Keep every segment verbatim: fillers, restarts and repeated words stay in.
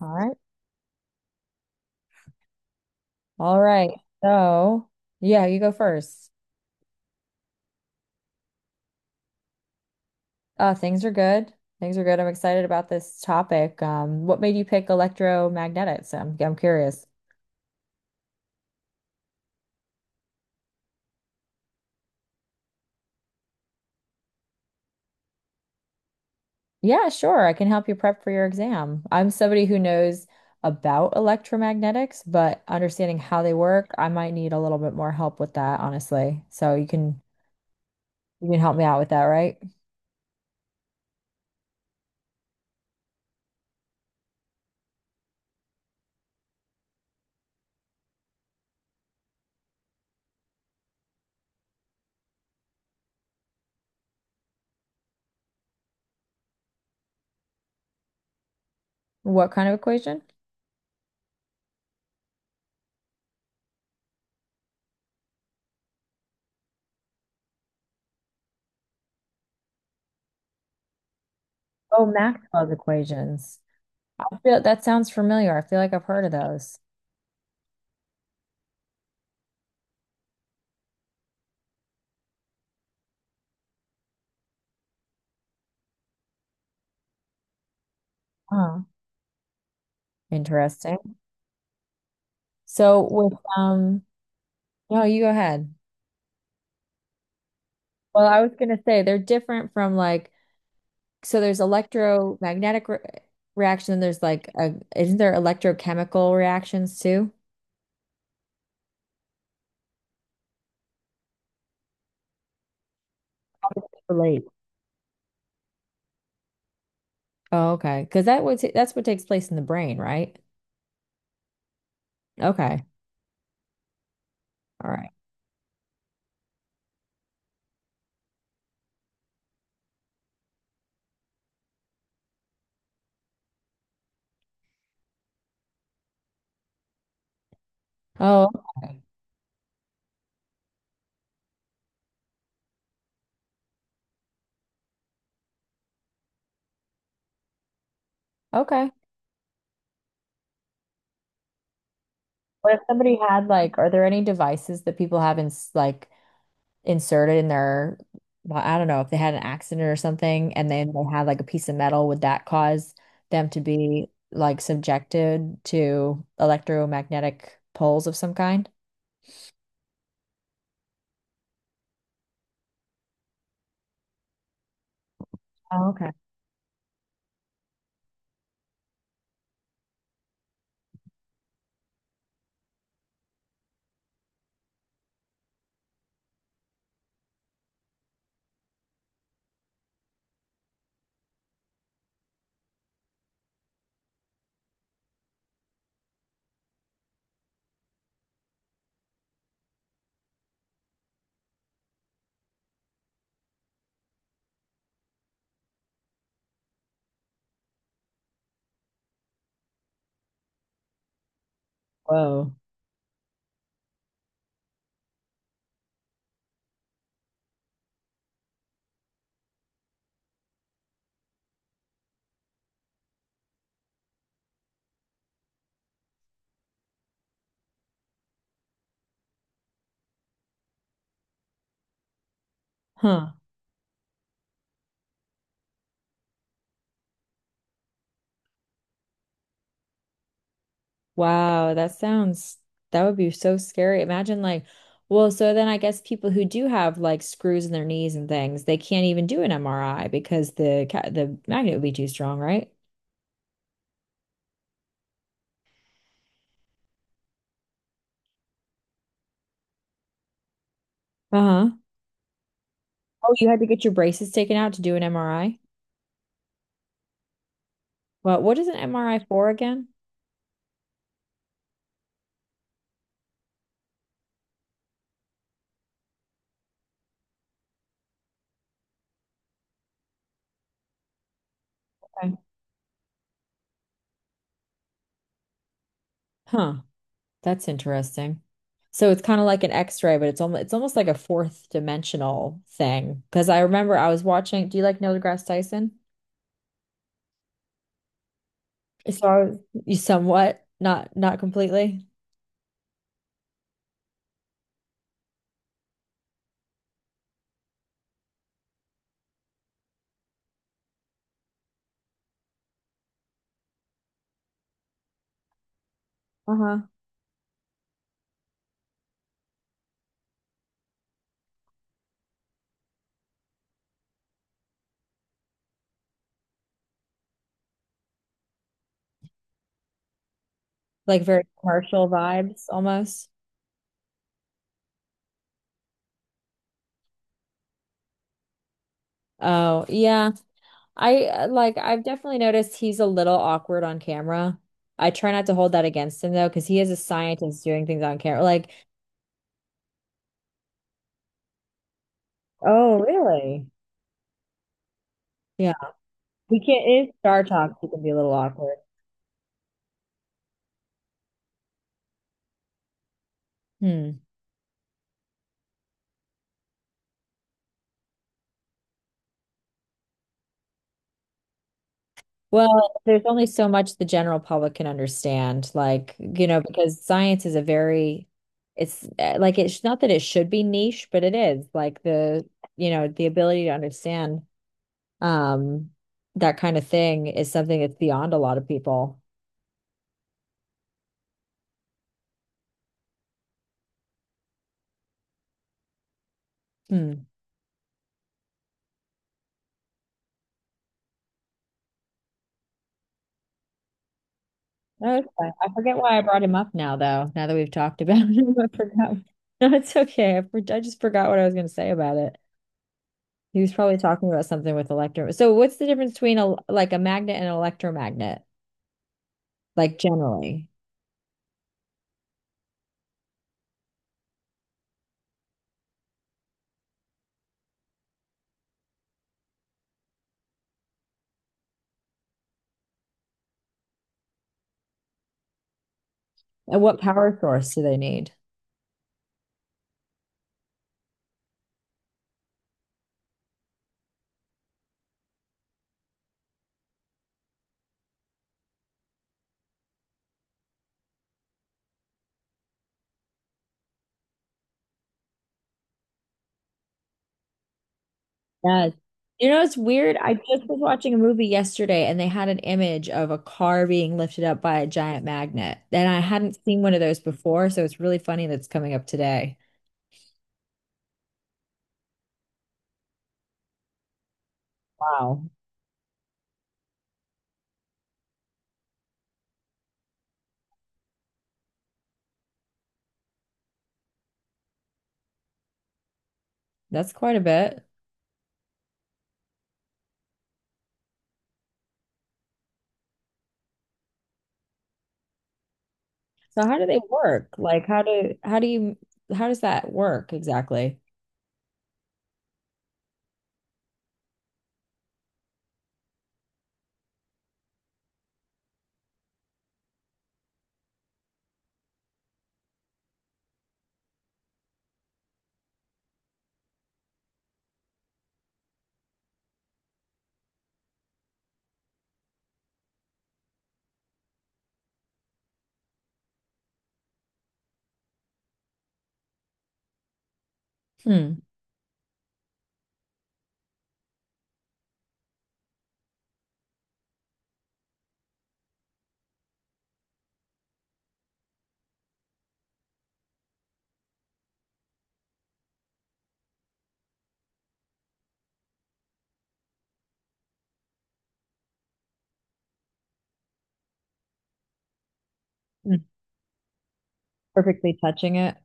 All right. All right. So, yeah, you go first. Uh, things are good. Things are good. I'm excited about this topic. Um, what made you pick electromagnetics? I'm, I'm curious. Yeah, sure. I can help you prep for your exam. I'm somebody who knows about electromagnetics, but understanding how they work, I might need a little bit more help with that, honestly. So you can you can help me out with that, right? What kind of equation? Oh, Maxwell's equations. I feel that sounds familiar. I feel like I've heard of those. Huh. Interesting. So with um no, you go ahead. Well, I was gonna say they're different from like so there's electromagnetic re reaction, there's like a isn't there electrochemical reactions too? How do they relate? Oh, okay. Because that would ta- that's what takes place in the brain, right? Okay. All right. Oh, okay. Okay. What if somebody had like, are there any devices that people have in s- like inserted in their, well, I don't know if they had an accident or something, and then they had like a piece of metal, would that cause them to be like subjected to electromagnetic poles of some kind? Oh, okay. Whoa. Huh. Wow, that sounds that would be so scary. Imagine like, well, so then I guess people who do have like screws in their knees and things, they can't even do an M R I because the ca- the magnet would be too strong, right? Uh-huh. Oh, you had to get your braces taken out to do an M R I? Well, what is an M R I for again? Okay. Huh, that's interesting. So it's kind of like an X-ray, but it's almost it's almost like a fourth dimensional thing. Because I remember I was watching. Do you like Neil deGrasse Tyson? So I was, you somewhat, not not completely. Uh-huh. Like very commercial vibes almost. Oh yeah, I uh, like I've definitely noticed he's a little awkward on camera. I try not to hold that against him though, because he is a scientist doing things on camera. Like, oh really? Yeah. We can't, it's Star Talk, it can be a little awkward. Hmm. Well, there's only so much the general public can understand, like, you know, because science is a very, it's uh, like it's not that it should be niche, but it is like the, you know, the ability to understand um that kind of thing is something that's beyond a lot of people. Hmm. No, it's fine. I forget why I brought him up now, though. Now that we've talked about him, I forgot. No, it's okay. I, for- I just forgot what I was going to say about it. He was probably talking about something with electro. So what's the difference between a like a magnet and an electromagnet, like generally? And what power source do they need? Yes. You know, it's weird. I just was watching a movie yesterday and they had an image of a car being lifted up by a giant magnet. And I hadn't seen one of those before, so it's really funny that's coming up today. Wow. That's quite a bit. So how do they work? Like how do how do you how does that work exactly? Hmm. Hmm. Perfectly touching it.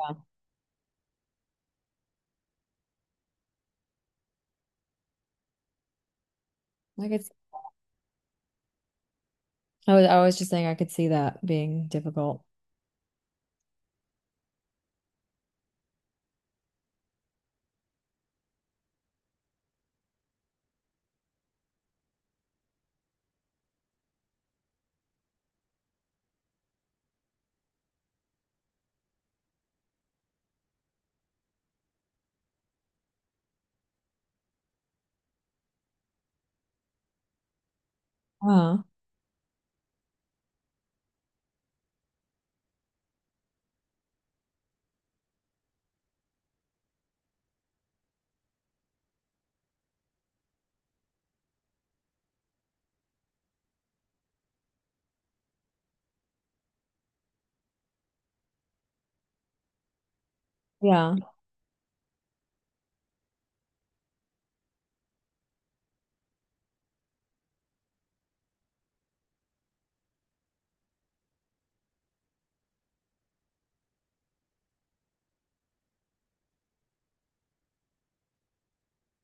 Yeah. I could I was I was just saying I could see that being difficult. Uh, yeah.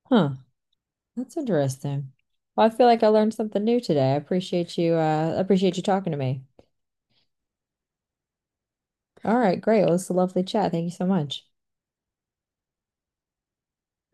Huh. That's interesting. Well, I feel like I learned something new today. I appreciate you uh appreciate you talking to me. All right, great. Well, it's a lovely chat. Thank you so much.